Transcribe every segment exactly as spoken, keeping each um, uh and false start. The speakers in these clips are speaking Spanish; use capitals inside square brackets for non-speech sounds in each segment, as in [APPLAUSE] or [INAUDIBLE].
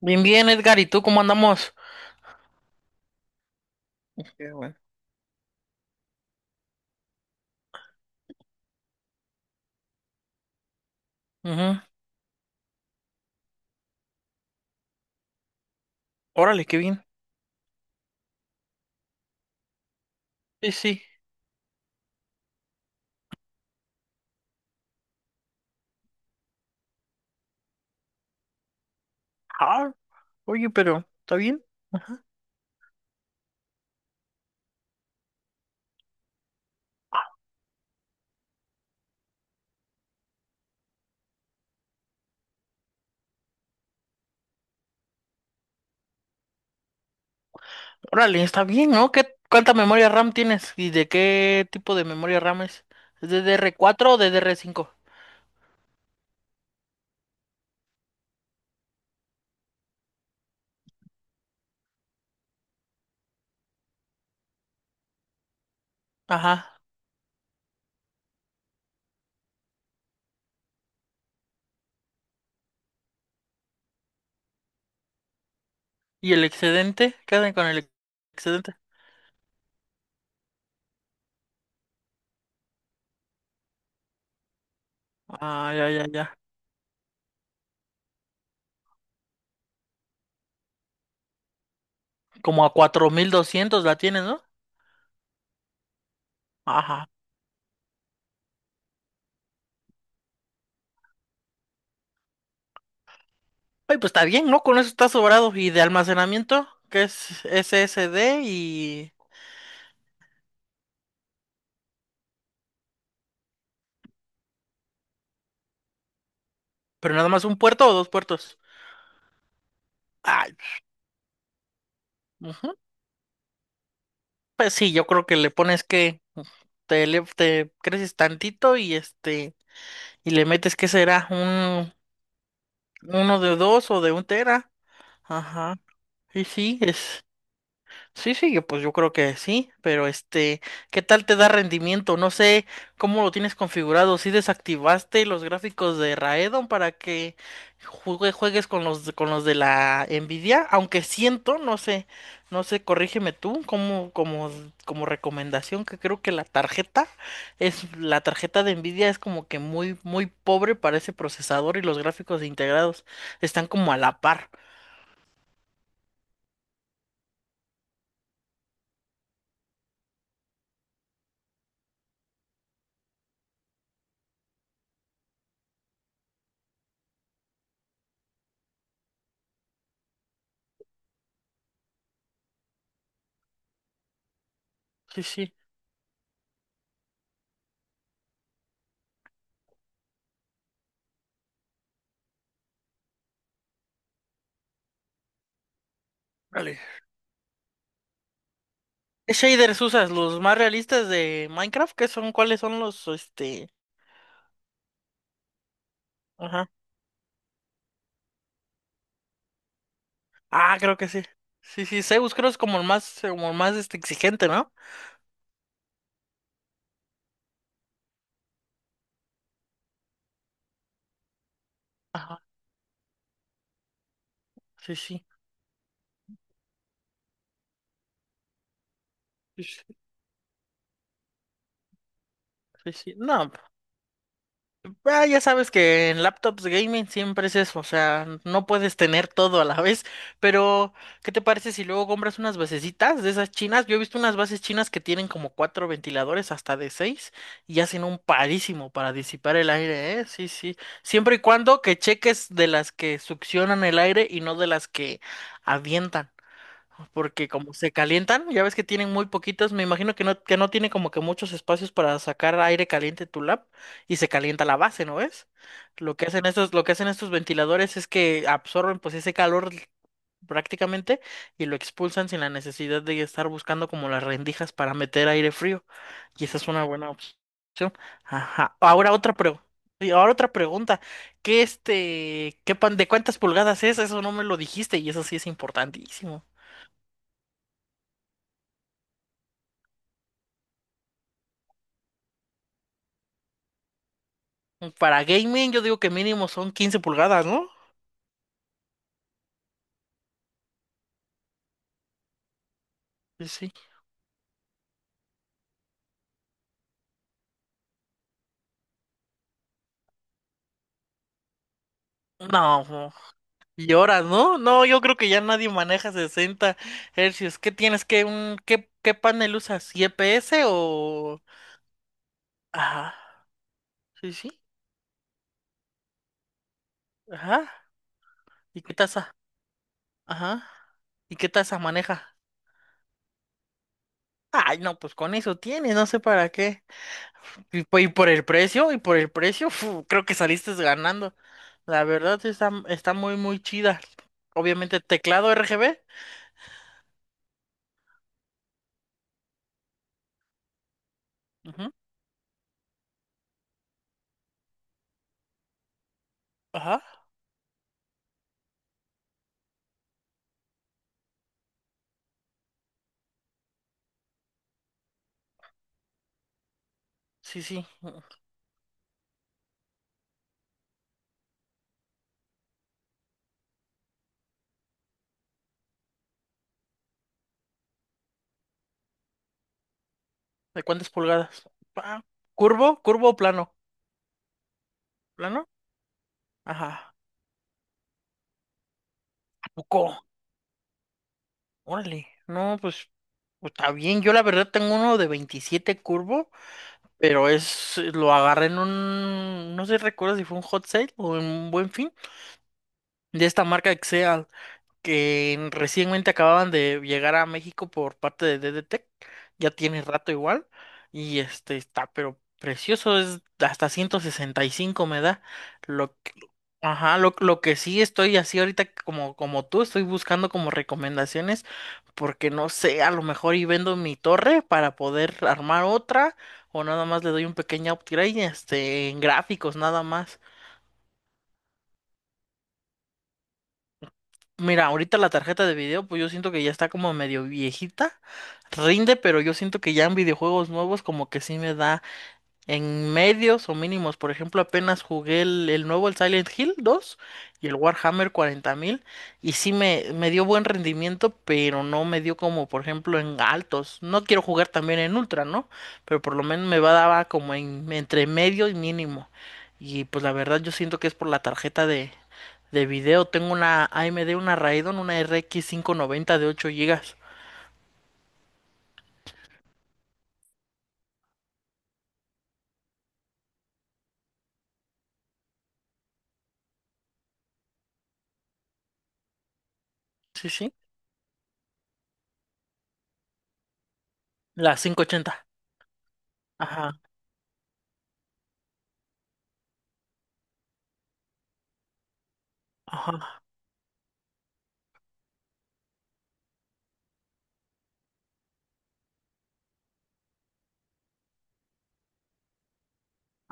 Bien, bien, Edgar, ¿y tú cómo andamos? Qué bueno. Ujú. Órale, qué bien. Sí, sí. Ah, oye, pero, ¿está bien? Órale, está bien, ¿no? ¿Qué, cuánta memoria RAM tienes? ¿Y de qué tipo de memoria RAM es? ¿Es D D R cuatro o D D R cinco? Ajá. ¿Y el excedente? ¿Qué hacen con el ex- excedente? Ah, ya, ya, ya. Como a cuatro mil doscientos la tienes, ¿no? Ajá. Ay, pues está bien, ¿no? Con eso está sobrado. ¿Y de almacenamiento? ¿Qué es S S D y pero nada más un puerto o dos puertos? Ay, pues sí, yo creo que le pones que te, le- te creces tantito y este y le metes que será un uno de dos o de un tera. Ajá. Y sí, es. Sí, sí, que pues yo creo que sí, pero este, ¿qué tal te da rendimiento? No sé cómo lo tienes configurado, si desactivaste los gráficos de Raedon para que juegue- juegues con los, de- con los de la Nvidia, aunque siento, no sé, no sé, corrígeme tú, como, como, como recomendación, que creo que la tarjeta es, la tarjeta de Nvidia es como que muy, muy pobre para ese procesador y los gráficos integrados están como a la par. Sí, sí. Vale. ¿Qué shaders usas? ¿Los más realistas de Minecraft? ¿Qué son? ¿Cuáles son los, este? Ajá. Ah, creo que sí. Sí, sí, Zeus creo es como el más, como el más, este, exigente, ¿no? Ajá. Sí, sí. Sí, sí. Sí, sí. No. Ah, ya sabes que en laptops gaming siempre es eso, o sea, no puedes tener todo a la [LAUGHS] vez, pero ¿qué te parece si luego compras unas basecitas de esas chinas? Yo he visto unas bases chinas que tienen como cuatro ventiladores hasta de seis y hacen un parísimo para disipar el aire, ¿eh? Sí, sí. Siempre y cuando que cheques de las que succionan el aire y no de las que avientan. Porque como se calientan, ya ves que tienen muy poquitos, me imagino que no, que no tiene como que muchos espacios para sacar aire caliente tu lab y se calienta la base, ¿no ves? Lo que hacen estos, lo que hacen estos ventiladores es que absorben pues ese calor prácticamente y lo expulsan sin la necesidad de estar buscando como las rendijas para meter aire frío. Y esa es una buena opción. Ajá. Ahora otra pregunta. Ahora otra pregunta. ¿Qué este, qué pan, de cuántas pulgadas es? Eso no me lo dijiste y eso sí es importantísimo. Para gaming, yo digo que mínimo son quince pulgadas, ¿no? Sí, sí. No, no, y horas, ¿no? No, yo creo que ya nadie maneja sesenta hercios. ¿Qué tienes? ¿Qué, un, qué, qué panel usas? ¿I P S o? Ajá, sí, sí. Ajá. ¿Y qué tasa? Ajá. ¿Y qué tasa maneja? Ay, no, pues con eso tienes, no sé para qué. Y, po- y por el precio, y por el precio, fu, creo que saliste ganando. La verdad sí está, está muy, muy chida. Obviamente, teclado R G B. Ujú, ajá. Sí, sí. ¿De cuántas pulgadas? Ah, ¿curvo? ¿Curvo o plano? ¿Plano? Ajá. ¿A poco? Órale. No, pues pues, está bien. Yo la verdad tengo uno de veintisiete curvo, pero es eh, lo agarré en un, no sé, recuerdo si fue un hot sale o en un buen fin de esta marca Excel. Que recientemente acababan de llegar a México por parte de DDTech, ya tiene rato igual, y este está, pero precioso, es hasta ciento sesenta y cinco me da, lo que- ajá, lo, lo que sí estoy así ahorita como, como tú, estoy buscando como recomendaciones, porque no sé, a lo mejor y vendo mi torre para poder armar otra, o nada más le doy un pequeño upgrade, este, en gráficos nada más. Mira, ahorita la tarjeta de video, pues yo siento que ya está como medio viejita, rinde, pero yo siento que ya en videojuegos nuevos como que sí me da en medios o mínimos. Por ejemplo, apenas jugué el, el nuevo, el Silent Hill dos y el Warhammer cuarenta mil y sí me, me dio buen rendimiento, pero no me dio como, por ejemplo, en altos. No quiero jugar también en ultra, ¿no? Pero por lo menos me va daba como en, entre medio y mínimo. Y pues la verdad yo siento que es por la tarjeta de de video. Tengo una A M D, una Raidon, una R X noventa de ocho gigas. Sí, sí, la quinientos ochenta. Ajá, ajá.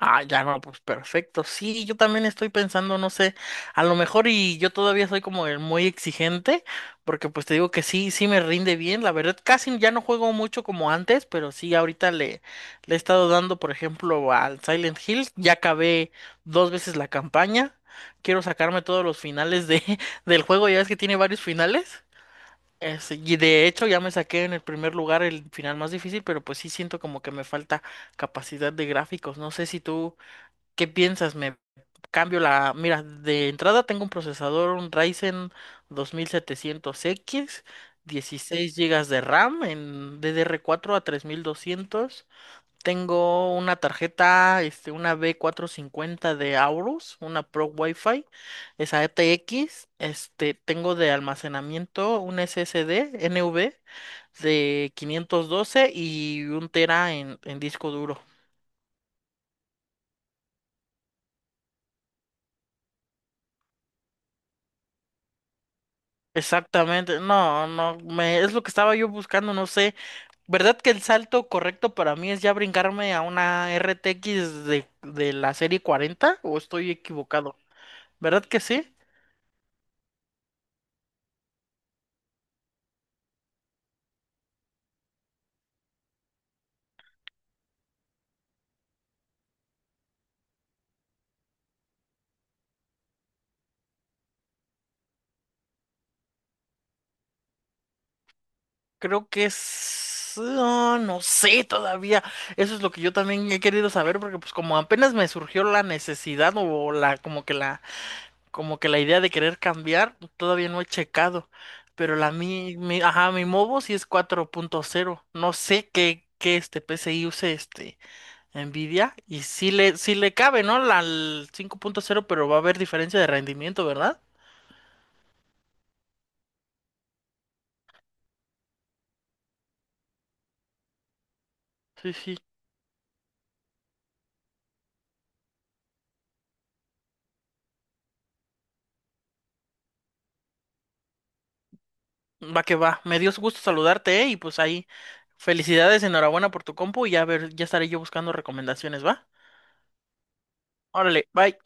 Ah, ya no, pues perfecto. Sí, yo también estoy pensando, no sé, a lo mejor y yo todavía soy como el muy exigente, porque pues te digo que sí, sí me rinde bien. La verdad, casi ya no juego mucho como antes, pero sí, ahorita le, le he estado dando, por ejemplo, al Silent Hill. Ya acabé dos veces la campaña. Quiero sacarme todos los finales de, [LAUGHS] del juego, ya ves que tiene varios finales. Es- y de hecho ya me saqué en el primer lugar el final más difícil, pero pues sí siento como que me falta capacidad de gráficos. No sé si tú, ¿qué piensas? Me cambio la. Mira, de entrada tengo un procesador, un Ryzen dos mil setecientos x, dieciséis gigas de RAM en ddr cuatro a tres mil doscientos. Tengo una tarjeta, este, una B cuatrocientos cincuenta de Aorus, una Pro Wi-Fi, esa E T X. Este, tengo de almacenamiento un S S D N V de quinientos doce y un tera en, en disco duro. Exactamente, no, no, me, es lo que estaba yo buscando, no sé. ¿Verdad que el salto correcto para mí es ya brincarme a una R T X de, de la serie cuarenta o estoy equivocado? ¿Verdad que sí? Creo que es, ah, no sé todavía. Eso es lo que yo también he querido saber, porque pues como apenas me surgió la necesidad o la como que la como que la idea de querer cambiar, todavía no he checado. Pero la mi, mi ajá, mi mobo sí es cuatro punto cero. No sé qué qué este P C I use este Nvidia y sí le sí le cabe, ¿no? La el cinco punto cero, pero va a haber diferencia de rendimiento, ¿verdad? Sí, sí. Va que va. Me dio gusto saludarte, ¿eh? Y pues ahí, felicidades, enhorabuena por tu compu y ya ver, ya estaré yo buscando recomendaciones, ¿va? Órale, bye.